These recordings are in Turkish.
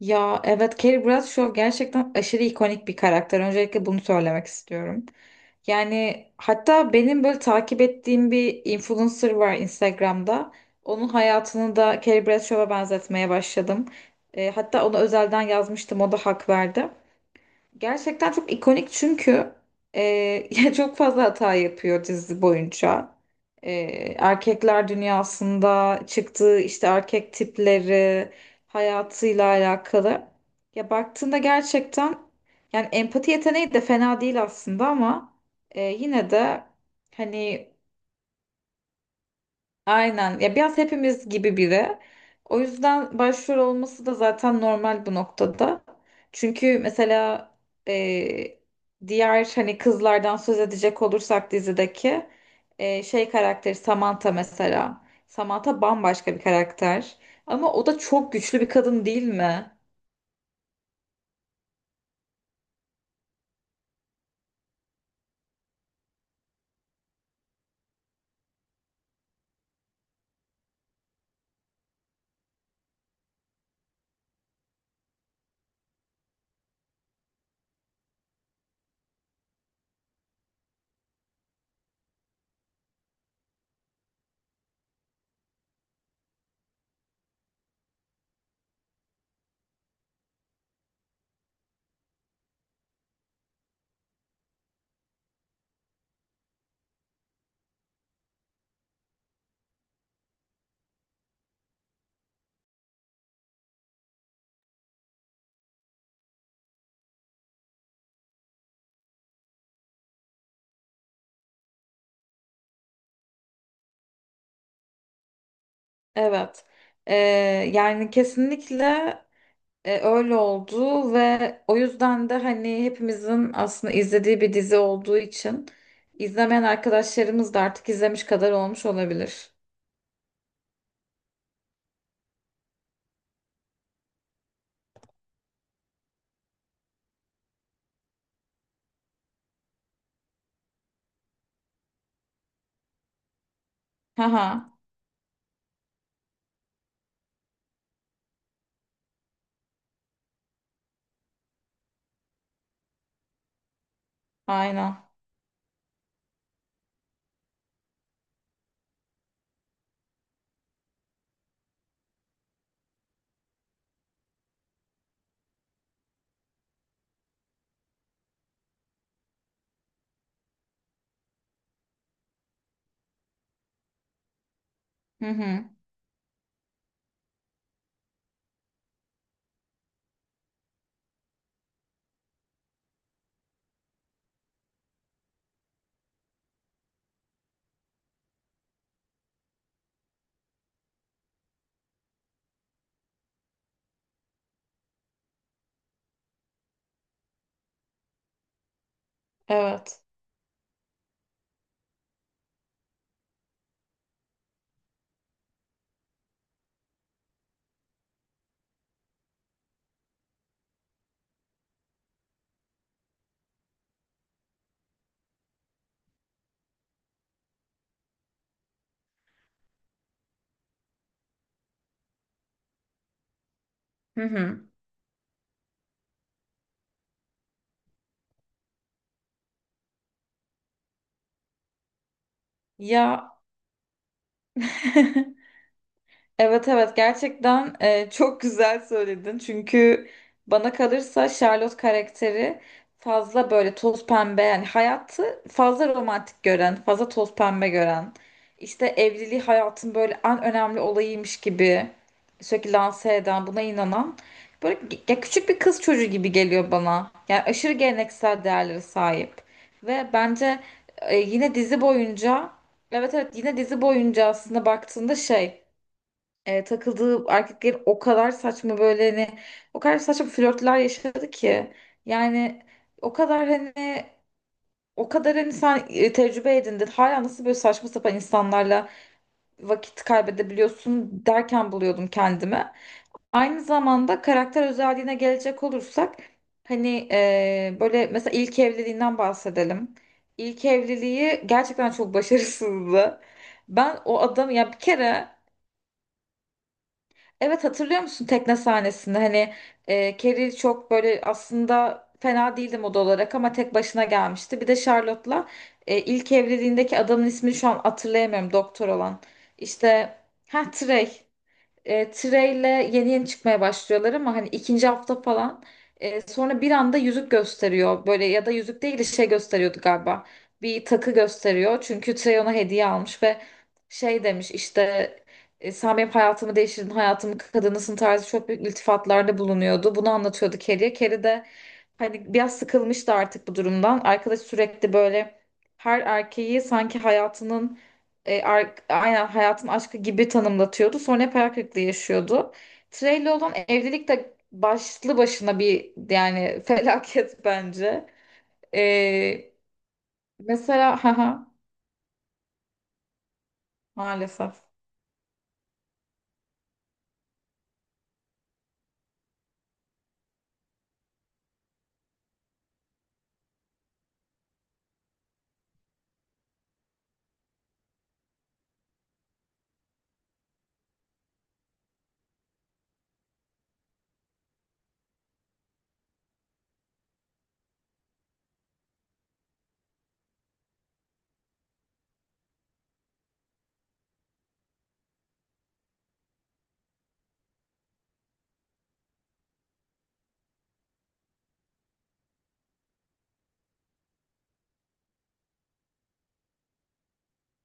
Ya, evet, Carrie Bradshaw gerçekten aşırı ikonik bir karakter. Öncelikle bunu söylemek istiyorum. Yani hatta benim böyle takip ettiğim bir influencer var Instagram'da. Onun hayatını da Carrie Bradshaw'a benzetmeye başladım. Hatta ona özelden yazmıştım. O da hak verdi. Gerçekten çok ikonik, çünkü e, ya çok fazla hata yapıyor dizi boyunca. E, erkekler dünyasında çıktığı işte erkek tipleri, hayatıyla alakalı. Ya, baktığında gerçekten yani empati yeteneği de fena değil aslında ama yine de hani. Aynen. Ya, biraz hepimiz gibi biri. O yüzden başrol olması da zaten normal bu noktada. Çünkü mesela e, diğer hani kızlardan söz edecek olursak dizideki şey karakteri Samantha mesela. Samantha bambaşka bir karakter. Ama o da çok güçlü bir kadın, değil mi? Evet. E, yani kesinlikle. Öyle oldu ve o yüzden de hani hepimizin aslında izlediği bir dizi olduğu için izlemeyen arkadaşlarımız da artık izlemiş kadar olmuş olabilir. Haha, aynen. Hı hı. Evet. Hı hı. Ya, evet evet, gerçekten çok güzel söyledin. Çünkü bana kalırsa Charlotte karakteri fazla böyle toz pembe, yani hayatı fazla romantik gören, fazla toz pembe gören. İşte evliliği hayatın böyle en önemli olayıymış gibi sürekli lanse eden, buna inanan, böyle ya küçük bir kız çocuğu gibi geliyor bana. Yani aşırı geleneksel değerlere sahip. Ve bence yine dizi boyunca. Evet evet, yine dizi boyunca aslında baktığında şey, takıldığı erkekler o kadar saçma böyle hani, o kadar saçma flörtler yaşadı ki, yani o kadar hani, o kadar hani sen tecrübe edindin, hala nasıl böyle saçma sapan insanlarla vakit kaybedebiliyorsun derken buluyordum kendimi. Aynı zamanda karakter özelliğine gelecek olursak hani böyle mesela ilk evliliğinden bahsedelim. İlk evliliği gerçekten çok başarısızdı. Ben o adam ya bir kere. Evet, hatırlıyor musun tekne sahnesinde hani Carrie çok böyle aslında fena değildi moda olarak ama tek başına gelmişti. Bir de Charlotte'la ilk evliliğindeki adamın ismini şu an hatırlayamıyorum, doktor olan. İşte, ha, Trey. Treyle yeni yeni çıkmaya başlıyorlar ama hani ikinci hafta falan, sonra bir anda yüzük gösteriyor böyle, ya da yüzük değil de şey gösteriyordu galiba, bir takı gösteriyor çünkü Trey ona hediye almış ve şey demiş işte, sen benim hayatımı değiştirdin, hayatımın kadınısın tarzı çok büyük iltifatlarda bulunuyordu, bunu anlatıyordu Carrie'ye. Carrie de hani biraz sıkılmıştı artık bu durumdan, arkadaş sürekli böyle her erkeği sanki hayatının, aynen hayatın aşkı gibi tanımlatıyordu. Sonra hep hayal kırıklığı yaşıyordu. Trey'le olan evlilik de başlı başına bir, yani, felaket bence. E, mesela, haha, maalesef.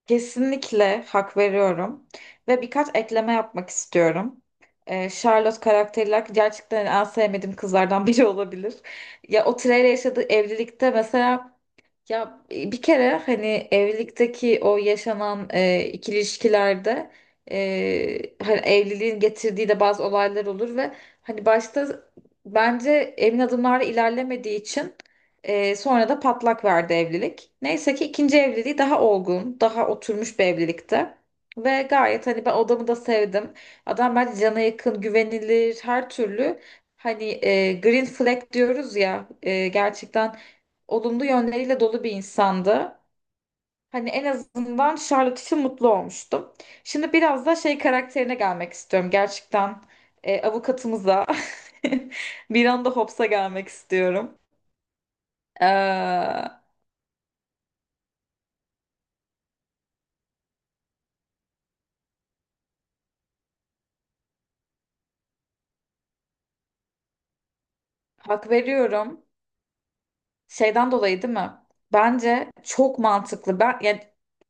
Kesinlikle hak veriyorum. Ve birkaç ekleme yapmak istiyorum. Charlotte karakteri gerçekten en sevmediğim kızlardan biri olabilir. Ya, o Trey'le yaşadığı evlilikte mesela. Ya, bir kere hani evlilikteki o yaşanan ikili ilişkilerde, hani evliliğin getirdiği de bazı olaylar olur ve hani başta, bence emin adımlarla ilerlemediği için sonra da patlak verdi evlilik. Neyse ki ikinci evliliği daha olgun, daha oturmuş bir evlilikte. Ve gayet hani ben odamı da sevdim. Adam bence cana yakın, güvenilir, her türlü hani, green flag diyoruz ya, gerçekten olumlu yönleriyle dolu bir insandı. Hani en azından Charlotte için mutlu olmuştum. Şimdi biraz da şey karakterine gelmek istiyorum. Gerçekten avukatımıza, bir anda Hobbes'a gelmek istiyorum. Ee, hak veriyorum. Şeyden dolayı, değil mi? Bence çok mantıklı. Ben, yani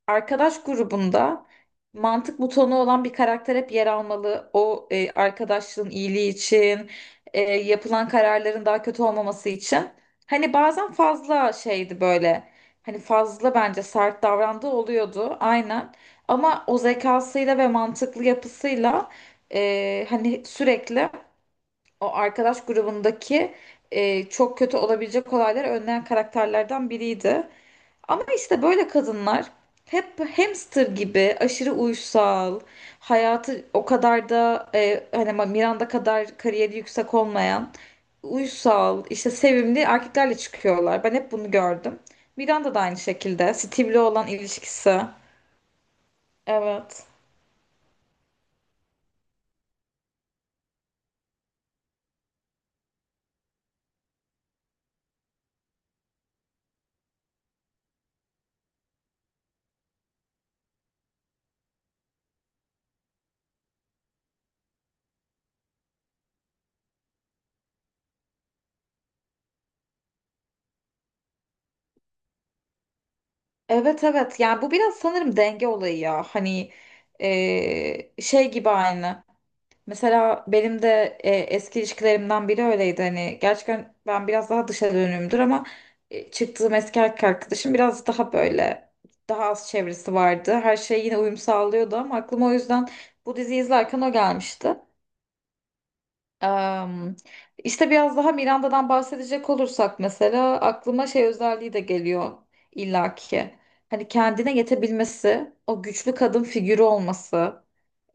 arkadaş grubunda mantık butonu olan bir karakter hep yer almalı. O, arkadaşlığın iyiliği için, yapılan kararların daha kötü olmaması için. Hani bazen fazla şeydi böyle. Hani fazla bence sert davrandığı oluyordu, aynen. Ama o zekasıyla ve mantıklı yapısıyla hani sürekli o arkadaş grubundaki çok kötü olabilecek olayları önleyen karakterlerden biriydi. Ama işte böyle kadınlar hep hamster gibi aşırı uysal, hayatı o kadar da hani Miranda kadar kariyeri yüksek olmayan, uysal, işte sevimli erkeklerle çıkıyorlar. Ben hep bunu gördüm. Miranda da aynı şekilde. Steve'le olan ilişkisi. Evet. Evet evet. Yani bu biraz sanırım denge olayı ya. Hani, şey gibi aynı. Mesela benim de eski ilişkilerimden biri öyleydi. Hani gerçekten ben biraz daha dışa dönüğümdür, ama çıktığım eski erkek arkadaşım biraz daha böyle, daha az çevresi vardı. Her şey yine uyum sağlıyordu ama aklıma o yüzden bu diziyi izlerken o gelmişti. Am, işte biraz daha Miranda'dan bahsedecek olursak mesela aklıma şey özelliği de geliyor illaki. Hani kendine yetebilmesi, o güçlü kadın figürü olması,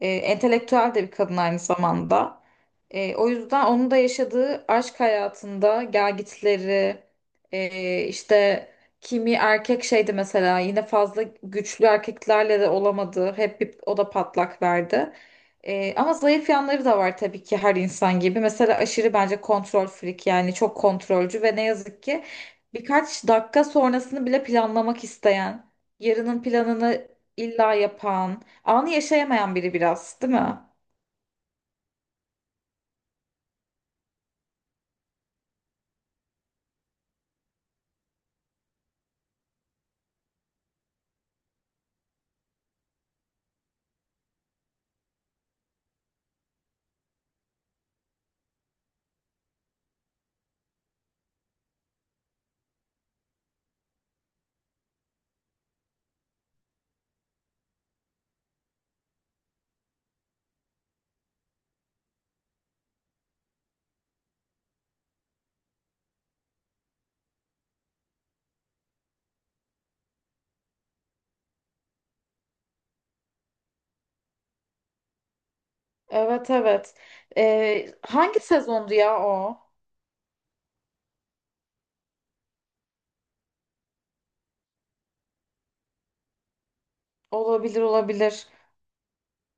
entelektüel de bir kadın aynı zamanda. O yüzden onun da yaşadığı aşk hayatında gelgitleri, işte kimi erkek şeydi mesela, yine fazla güçlü erkeklerle de olamadı. Hep bir, o da patlak verdi. Ama zayıf yanları da var tabii ki her insan gibi. Mesela aşırı bence kontrol freak, yani çok kontrolcü ve ne yazık ki birkaç dakika sonrasını bile planlamak isteyen, yarının planını illa yapan, anı yaşayamayan biri biraz, değil mi? Evet evet. Hangi sezondu ya o? Olabilir olabilir.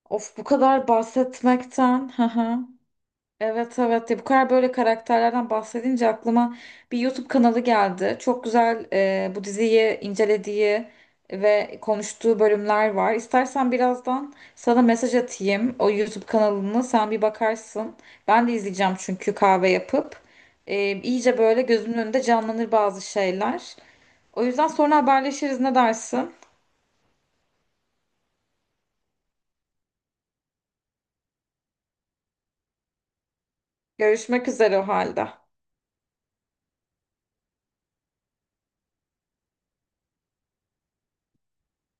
Of, bu kadar bahsetmekten. Hı hı. Evet evet, ya bu kadar böyle karakterlerden bahsedince aklıma bir YouTube kanalı geldi. Çok güzel, bu diziyi incelediği ve konuştuğu bölümler var. İstersen birazdan sana mesaj atayım, o YouTube kanalını sen bir bakarsın. Ben de izleyeceğim çünkü kahve yapıp. E, iyice böyle gözümün önünde canlanır bazı şeyler. O yüzden sonra haberleşiriz, ne dersin? Görüşmek üzere o halde.